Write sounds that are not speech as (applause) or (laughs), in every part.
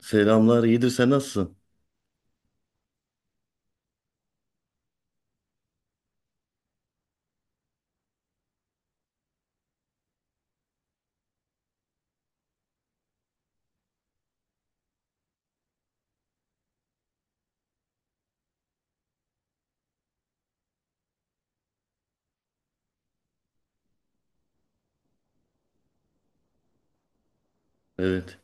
Selamlar, iyidir sen nasılsın? Evet.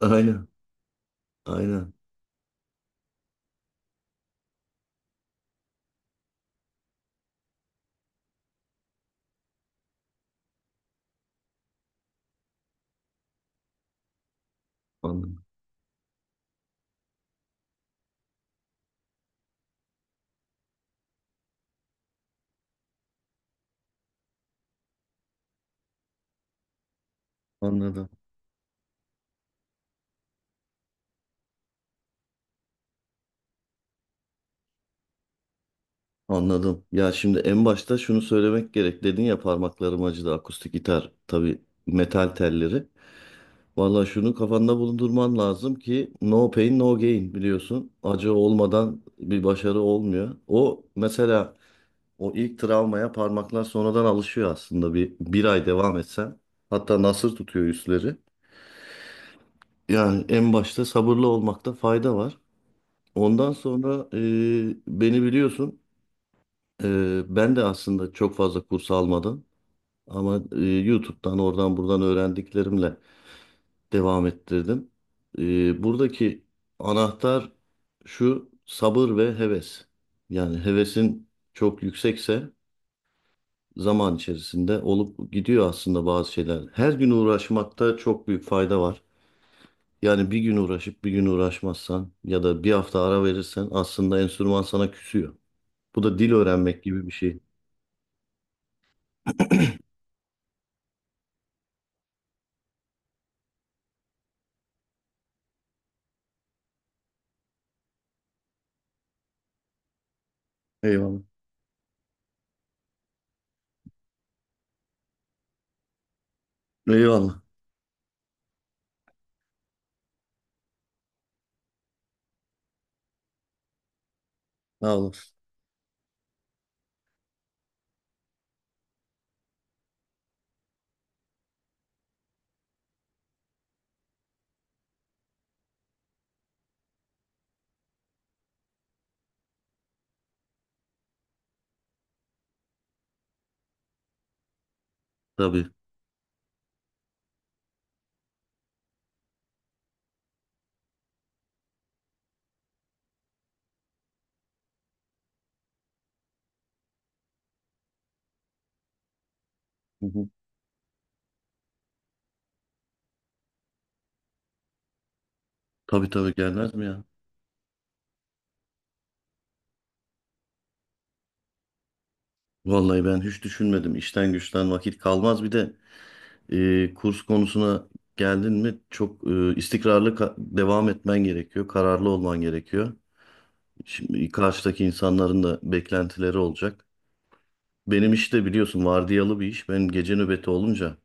Aynen, aynen. Anladım. Anladım. Anladım. Ya şimdi en başta şunu söylemek gerek. Dedin ya parmaklarım acıdı akustik gitar. Tabii metal telleri. Valla şunu kafanda bulundurman lazım ki no pain no gain biliyorsun. Acı olmadan bir başarı olmuyor. O mesela o ilk travmaya parmaklar sonradan alışıyor aslında. Bir ay devam etsen. Hatta nasır tutuyor üstleri. Yani en başta sabırlı olmakta fayda var. Ondan sonra beni biliyorsun. Ben de aslında çok fazla kurs almadım. Ama YouTube'dan oradan buradan öğrendiklerimle devam ettirdim. Buradaki anahtar şu sabır ve heves. Yani hevesin çok yüksekse zaman içerisinde olup gidiyor aslında bazı şeyler. Her gün uğraşmakta çok büyük fayda var. Yani bir gün uğraşıp bir gün uğraşmazsan ya da bir hafta ara verirsen aslında enstrüman sana küsüyor. Bu da dil öğrenmek gibi bir şey. Eyvallah. Eyvallah. Sağ olasın. Tabii. Hı hı. Tabii tabii gelmez mi ya? Vallahi ben hiç düşünmedim. İşten güçten vakit kalmaz. Bir de kurs konusuna geldin mi çok istikrarlı devam etmen gerekiyor. Kararlı olman gerekiyor. Şimdi karşıdaki insanların da beklentileri olacak. Benim iş de biliyorsun vardiyalı bir iş. Benim gece nöbeti olunca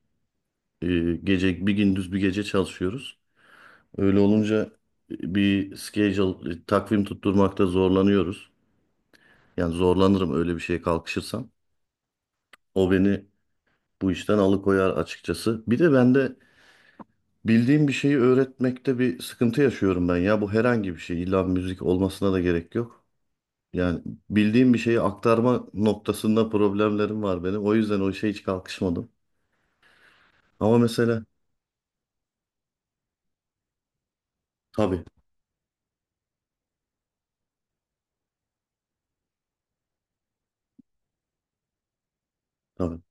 e, gece bir gündüz bir gece çalışıyoruz. Öyle olunca bir schedule, takvim tutturmakta zorlanıyoruz. Yani zorlanırım öyle bir şeye kalkışırsam. O beni bu işten alıkoyar açıkçası. Bir de ben de bildiğim bir şeyi öğretmekte bir sıkıntı yaşıyorum ben ya. Bu herhangi bir şey. İlla müzik olmasına da gerek yok. Yani bildiğim bir şeyi aktarma noktasında problemlerim var benim. O yüzden o işe hiç kalkışmadım. Ama mesela tabii tabii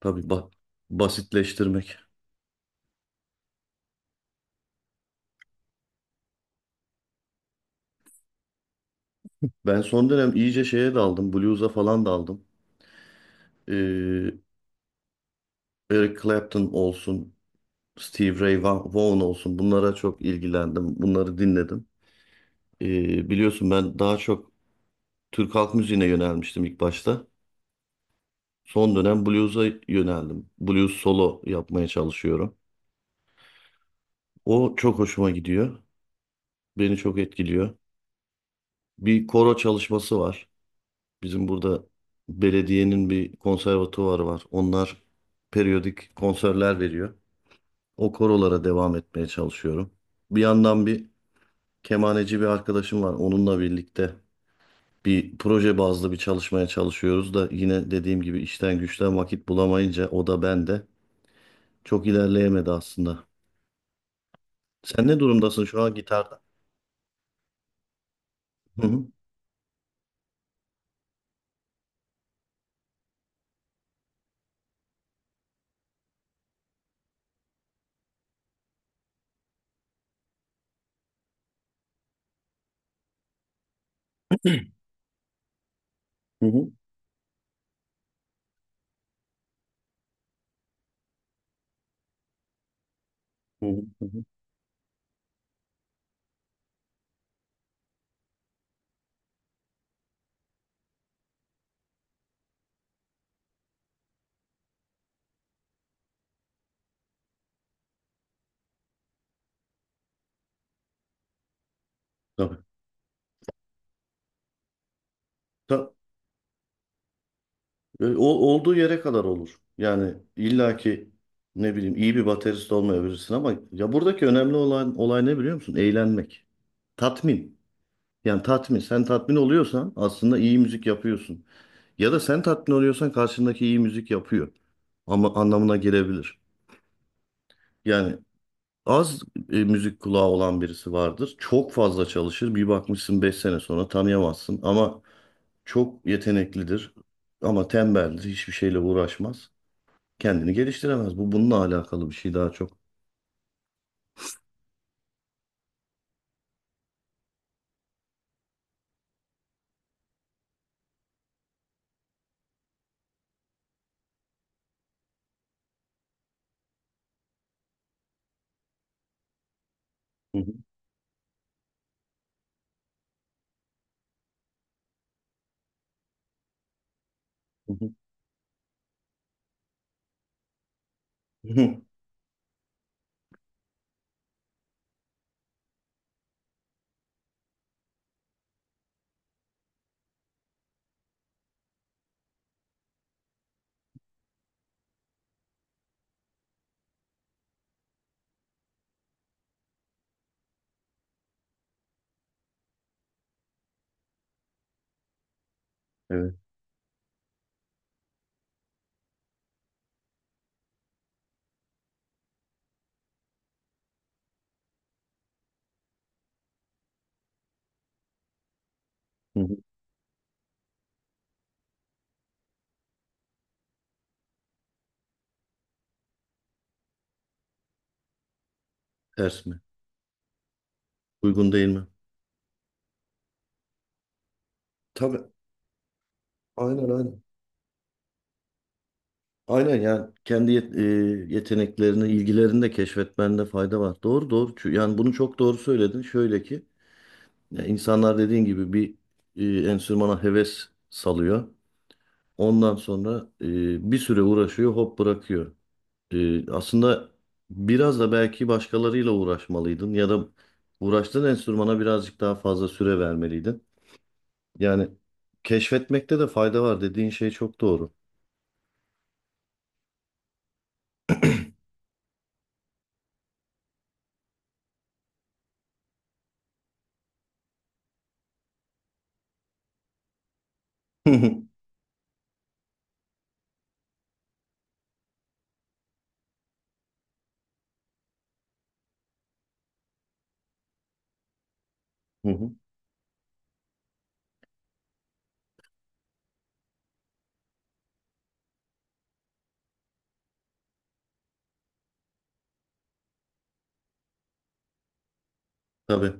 tabii basitleştirmek. Ben son dönem iyice şeye daldım. Blues'a falan daldım. Ee, Eric Clapton olsun, Steve Ray Vaughan olsun bunlara çok ilgilendim. Bunları dinledim. Biliyorsun ben daha çok Türk halk müziğine yönelmiştim ilk başta. Son dönem blues'a yöneldim. Blues solo yapmaya çalışıyorum. O çok hoşuma gidiyor. Beni çok etkiliyor. Bir koro çalışması var. Bizim burada belediyenin bir konservatuvarı var. Onlar periyodik konserler veriyor. O korolara devam etmeye çalışıyorum. Bir yandan bir kemaneci bir arkadaşım var. Onunla birlikte bir proje bazlı bir çalışmaya çalışıyoruz da yine dediğim gibi işten güçten vakit bulamayınca o da ben de çok ilerleyemedi aslında. Sen ne durumdasın şu an gitarda? Hı hı. Hı hı. Hı hı. Hı hı. Tabii. Ta- Olduğu yere kadar olur. Yani illaki ne bileyim iyi bir baterist olmayabilirsin ama ya buradaki önemli olan olay ne biliyor musun? Eğlenmek. Tatmin. Yani tatmin. Sen tatmin oluyorsan aslında iyi müzik yapıyorsun. Ya da sen tatmin oluyorsan karşındaki iyi müzik yapıyor. Ama anlamına gelebilir. Yani az müzik kulağı olan birisi vardır. Çok fazla çalışır. Bir bakmışsın 5 sene sonra tanıyamazsın. Ama çok yeteneklidir. Ama tembeldir. Hiçbir şeyle uğraşmaz. Kendini geliştiremez. Bu bununla alakalı bir şey daha çok. Hı hı, hı hı. (laughs) Evet. Hı hı. Ters mi? Uygun değil mi? Tabii. Aynen aynen. Aynen yani kendi yeteneklerini, ilgilerini de keşfetmende fayda var. Doğru doğru. Yani bunu çok doğru söyledin. Şöyle ki ya insanlar dediğin gibi bir enstrümana heves salıyor. Ondan sonra bir süre uğraşıyor, hop bırakıyor. Aslında biraz da belki başkalarıyla uğraşmalıydın ya da uğraştığın enstrümana birazcık daha fazla süre vermeliydin. Yani keşfetmekte de fayda var dediğin şey çok doğru. (laughs) Hı hı. Tabii.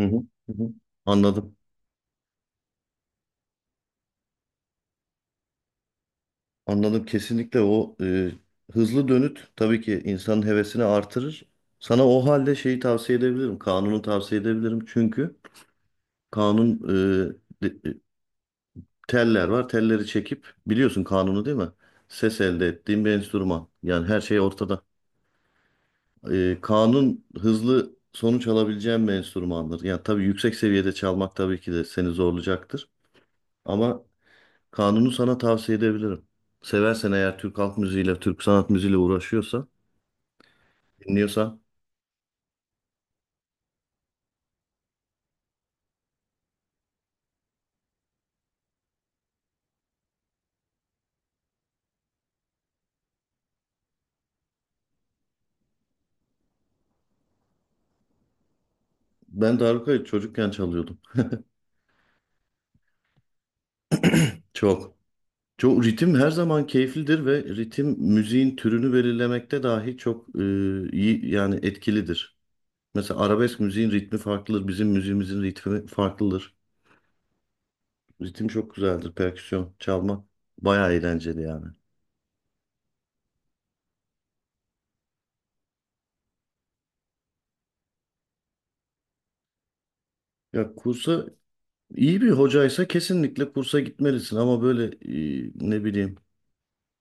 Hı hı. Hı hı. Anladım. Anladım kesinlikle o hızlı dönüt tabii ki insanın hevesini artırır. Sana o halde şeyi tavsiye edebilirim. Kanunu tavsiye edebilirim. Çünkü kanun e, de- e, teller var. Telleri çekip biliyorsun kanunu değil mi? Ses elde ettiğin bir enstrüman. Yani her şey ortada. Kanun hızlı sonuç alabileceğin bir enstrümandır. Yani tabii yüksek seviyede çalmak tabii ki de seni zorlayacaktır. Ama kanunu sana tavsiye edebilirim. Seversen eğer Türk halk müziğiyle, Türk sanat müziğiyle uğraşıyorsan Dinliyorsan. Ben darbukayı çocukken çalıyordum. Çok. Çok ritim her zaman keyiflidir ve ritim müziğin türünü belirlemekte dahi çok iyi yani etkilidir. Mesela arabesk müziğin ritmi farklıdır. Bizim müziğimizin ritmi farklıdır. Ritim çok güzeldir. Perküsyon çalma bayağı eğlenceli yani. Ya kursa iyi bir hocaysa kesinlikle kursa gitmelisin ama böyle ne bileyim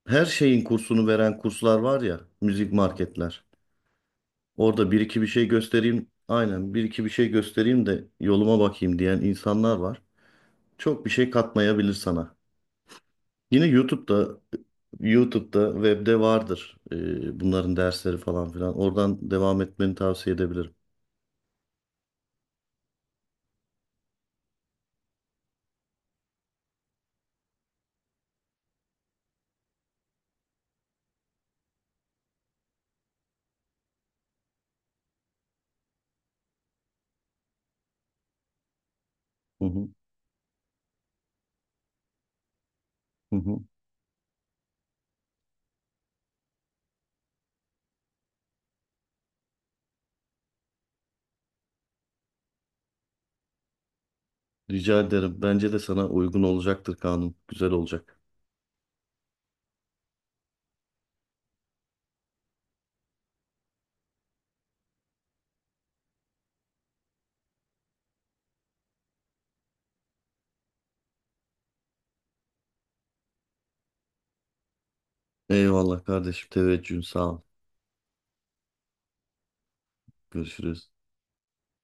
her şeyin kursunu veren kurslar var ya müzik marketler. Orada bir iki bir şey göstereyim. Aynen bir iki bir şey göstereyim de yoluma bakayım diyen insanlar var. Çok bir şey katmayabilir sana. Yine YouTube'da webde vardır bunların dersleri falan filan. Oradan devam etmeni tavsiye edebilirim. Hı hı, hı hı. Rica ederim. Bence de sana uygun olacaktır kanun. Güzel olacak. Eyvallah kardeşim. Teveccühün sağ ol. Görüşürüz.